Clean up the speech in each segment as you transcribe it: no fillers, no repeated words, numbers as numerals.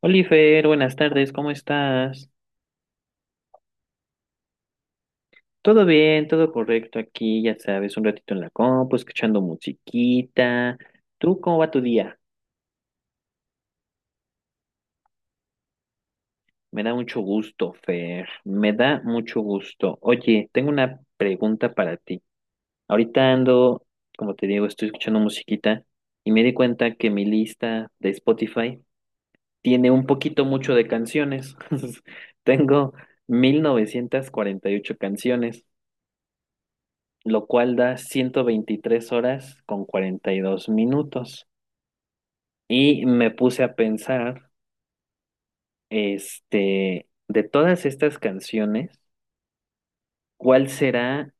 Oliver, buenas tardes, ¿cómo estás? Todo bien, todo correcto aquí, ya sabes, un ratito en la compu, escuchando musiquita. ¿Tú cómo va tu día? Me da mucho gusto, Fer, me da mucho gusto. Oye, tengo una pregunta para ti. Ahorita ando, como te digo, estoy escuchando musiquita y me di cuenta que mi lista de Spotify tiene un poquito mucho de canciones. Tengo 1948 canciones. Lo cual da 123 horas con 42 minutos. Y me puse a pensar, de todas estas canciones, ¿cuál será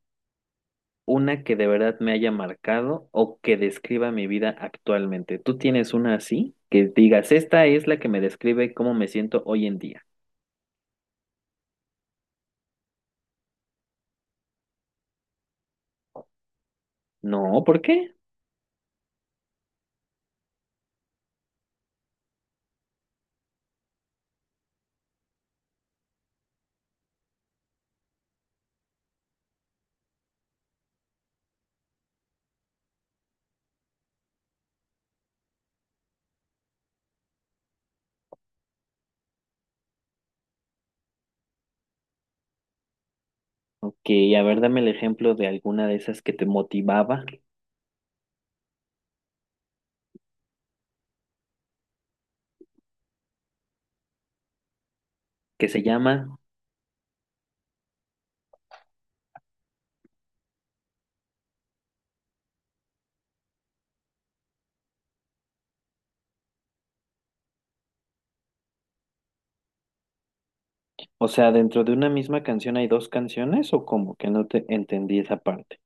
una que de verdad me haya marcado o que describa mi vida actualmente? ¿Tú tienes una así? Que digas, esta es la que me describe cómo me siento hoy en día. No, ¿por qué? Ok, a ver, dame el ejemplo de alguna de esas que te motivaba, que se llama. O sea, dentro de una misma canción hay dos canciones o como que no te entendí esa parte.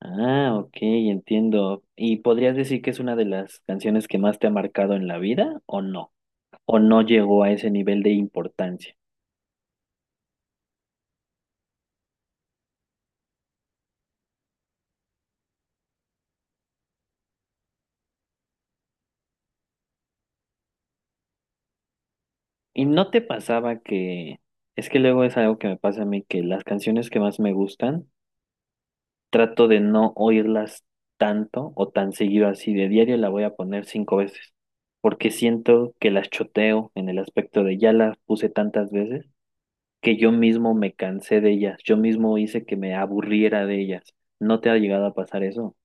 Ah, ok, entiendo. ¿Y podrías decir que es una de las canciones que más te ha marcado en la vida o no? ¿O no llegó a ese nivel de importancia? ¿Y no te pasaba que... es que luego es algo que me pasa a mí, que las canciones que más me gustan, trato de no oírlas tanto o tan seguido así? De diario la voy a poner cinco veces, porque siento que las choteo en el aspecto de ya las puse tantas veces que yo mismo me cansé de ellas, yo mismo hice que me aburriera de ellas. ¿No te ha llegado a pasar eso?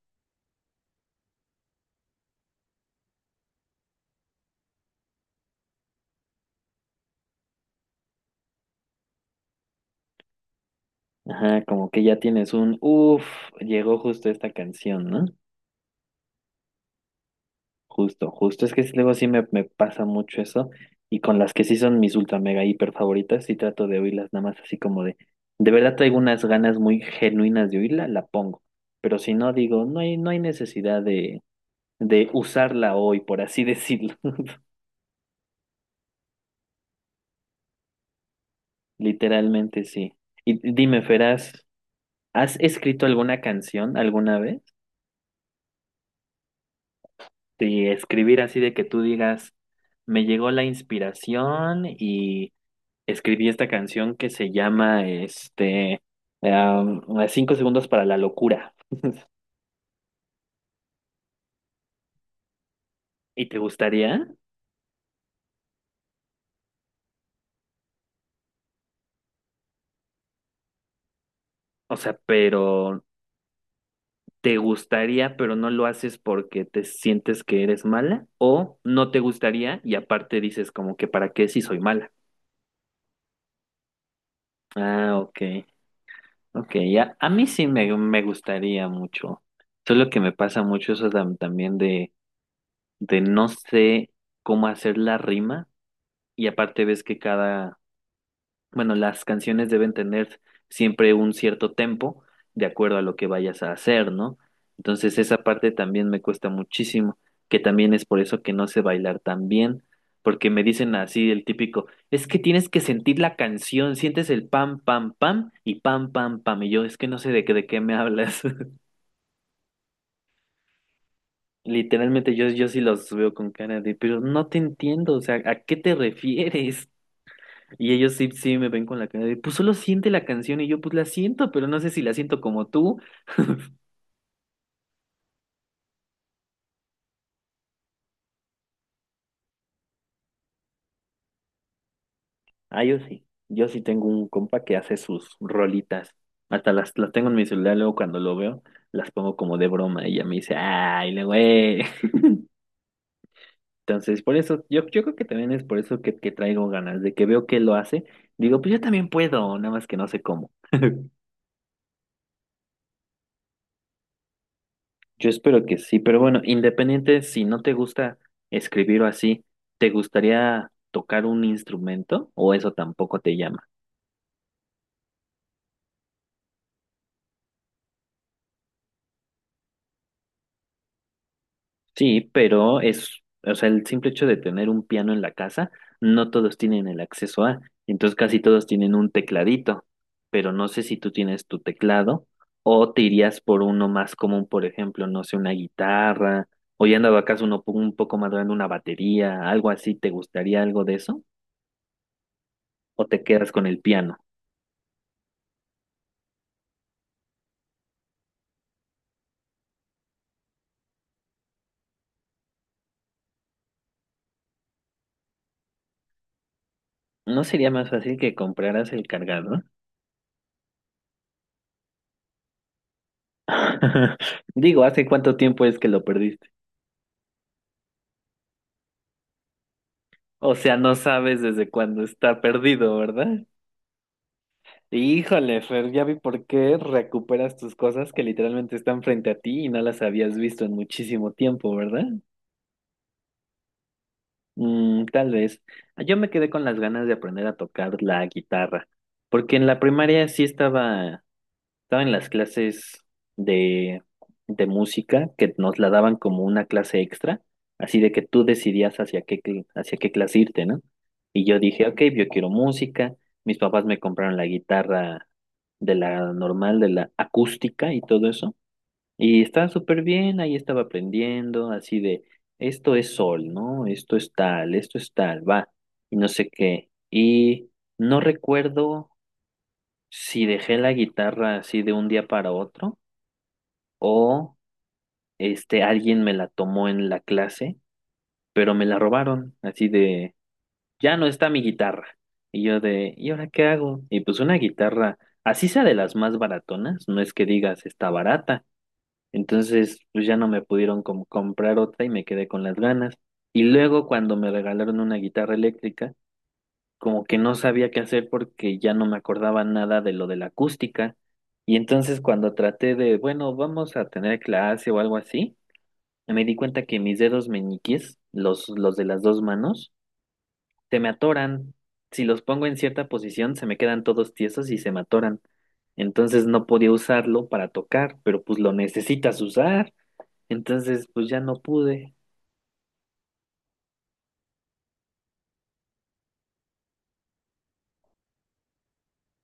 Ajá, como que ya tienes un, uff, llegó justo esta canción, ¿no? Justo, justo, es que sí, luego sí me pasa mucho eso, y con las que sí son mis ultra mega hiper favoritas, sí trato de oírlas nada más así como de verdad traigo unas ganas muy genuinas de oírla, la pongo, pero si no digo, no hay necesidad de usarla hoy, por así decirlo. Literalmente sí. Y dime, Feraz. ¿Has escrito alguna canción alguna vez? De escribir así de que tú digas, me llegó la inspiración y escribí esta canción que se llama, am, Cinco segundos para la locura. ¿Y te gustaría? O sea, pero te gustaría, pero no lo haces porque te sientes que eres mala, ¿o no te gustaría y aparte dices como que para qué si soy mala? Ah, ok. Ok, ya. A mí sí me gustaría mucho. Solo que me pasa mucho eso también de no sé cómo hacer la rima. Y aparte ves que cada, bueno, las canciones deben tener siempre un cierto tempo de acuerdo a lo que vayas a hacer, ¿no? Entonces esa parte también me cuesta muchísimo, que también es por eso que no sé bailar tan bien, porque me dicen así el típico, es que tienes que sentir la canción, sientes el pam, pam, pam y pam, pam, pam, y yo es que no sé de qué me hablas. Literalmente yo sí los veo con cara de, pero no te entiendo, o sea, ¿a qué te refieres? Y ellos sí me ven con la cara de, pues solo siente la canción, y yo pues la siento, pero no sé si la siento como tú. Ah, yo sí tengo un compa que hace sus rolitas. Hasta las tengo en mi celular, luego cuando lo veo, las pongo como de broma y ella me dice, ay, le güey. Entonces, por eso, yo creo que también es por eso que traigo ganas, de que veo que lo hace, digo, pues yo también puedo, nada más que no sé cómo. Yo espero que sí, pero bueno, independiente si no te gusta escribir o así, ¿te gustaría tocar un instrumento o eso tampoco te llama? Sí, pero es, o sea, el simple hecho de tener un piano en la casa, no todos tienen el acceso a, entonces casi todos tienen un tecladito, pero no sé si tú tienes tu teclado o te irías por uno más común, por ejemplo, no sé, una guitarra, o ya andaba acaso uno un poco más grande, una batería, algo así. ¿Te gustaría algo de eso? ¿O te quedas con el piano? ¿No sería más fácil que compraras el cargador? Digo, ¿hace cuánto tiempo es que lo perdiste? O sea, no sabes desde cuándo está perdido, ¿verdad? Híjole, Fer, ya vi por qué recuperas tus cosas que literalmente están frente a ti y no las habías visto en muchísimo tiempo, ¿verdad? Mm, tal vez. Yo me quedé con las ganas de aprender a tocar la guitarra, porque en la primaria sí estaba en las clases de, de música, que nos la daban como una clase extra, así de que tú decidías hacia qué, hacia qué clase irte, ¿no? Y yo dije, ok, yo quiero música. Mis papás me compraron la guitarra, de la normal, de la acústica y todo eso, y estaba súper bien, ahí estaba aprendiendo, así de, esto es sol, ¿no? Esto es tal, va, y no sé qué, y no recuerdo si dejé la guitarra así de un día para otro o alguien me la tomó en la clase, pero me la robaron, así de ya no está mi guitarra. Y yo de, ¿y ahora qué hago? Y pues una guitarra, así sea de las más baratonas, no es que digas está barata. Entonces, pues ya no me pudieron como comprar otra y me quedé con las ganas. Y luego cuando me regalaron una guitarra eléctrica, como que no sabía qué hacer porque ya no me acordaba nada de lo de la acústica. Y entonces cuando traté de, bueno, vamos a tener clase o algo así, me di cuenta que mis dedos meñiques, los de las dos manos, se me atoran. Si los pongo en cierta posición, se me quedan todos tiesos y se me atoran. Entonces no podía usarlo para tocar, pero pues lo necesitas usar. Entonces pues ya no pude.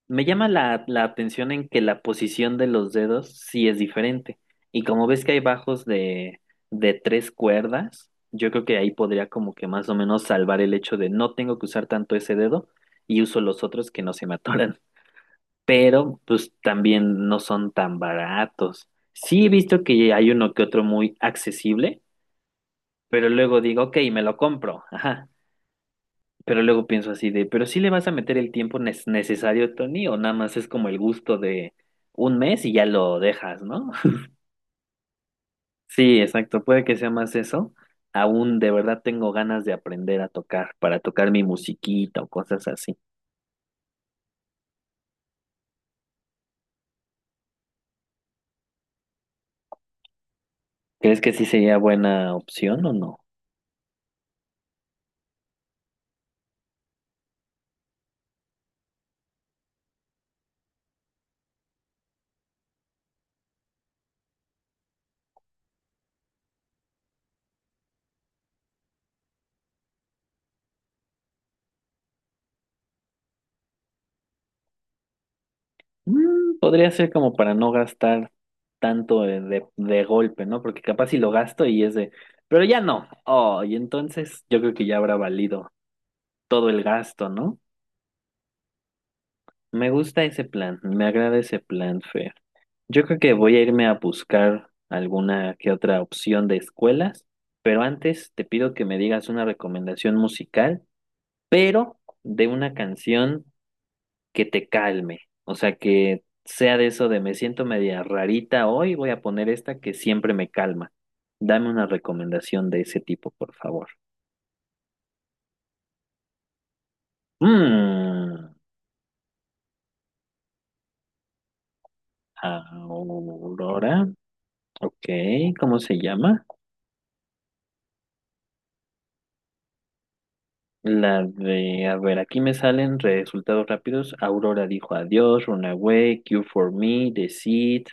Me llama la atención en que la posición de los dedos sí es diferente. Y como ves que hay bajos de tres cuerdas, yo creo que ahí podría como que más o menos salvar el hecho de no tengo que usar tanto ese dedo y uso los otros que no se me atoran. Pero pues también no son tan baratos. Sí he visto que hay uno que otro muy accesible, pero luego digo, ok, me lo compro. Ajá. Pero luego pienso así de, ¿pero sí le vas a meter el tiempo necesario, Tony? ¿O nada más es como el gusto de un mes y ya lo dejas, ¿no? Sí, exacto, puede que sea más eso. Aún de verdad tengo ganas de aprender a tocar, para tocar mi musiquita o cosas así. ¿Crees que sí sería buena opción o no? Mm, podría ser como para no gastar tanto de, de golpe, ¿no? Porque capaz si lo gasto y es de, pero ya no. Oh, y entonces yo creo que ya habrá valido todo el gasto, ¿no? Me gusta ese plan, me agrada ese plan, Fer. Yo creo que voy a irme a buscar alguna que otra opción de escuelas, pero antes te pido que me digas una recomendación musical, pero de una canción que te calme, o sea, que sea de eso de me siento media rarita hoy, voy a poner esta que siempre me calma. Dame una recomendación de ese tipo, por favor. Mm, Aurora, ok, ¿cómo se llama? La de, a ver, aquí me salen resultados rápidos. Aurora dijo adiós, Runaway, Q for Me, The Seed.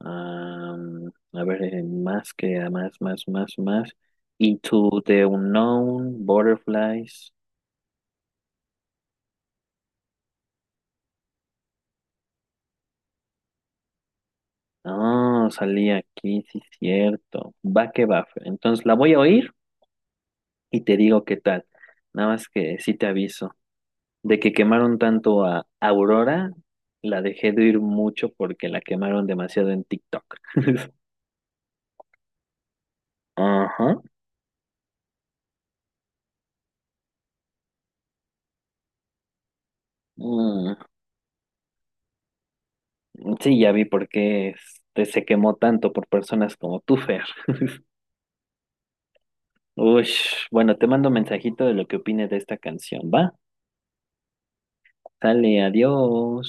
A ver, más que más, más, más, más. Into the Unknown, Butterflies. Ah, salí aquí, sí, cierto. Va que va. Fer. Entonces la voy a oír y te digo qué tal. Nada más que sí te aviso. De que quemaron tanto a Aurora, la dejé de oír mucho porque la quemaron demasiado en TikTok. Ajá. Mm, Sí, ya vi por qué se quemó tanto por personas como tú, Fer. Uy, bueno, te mando un mensajito de lo que opines de esta canción, ¿va? Sale, adiós.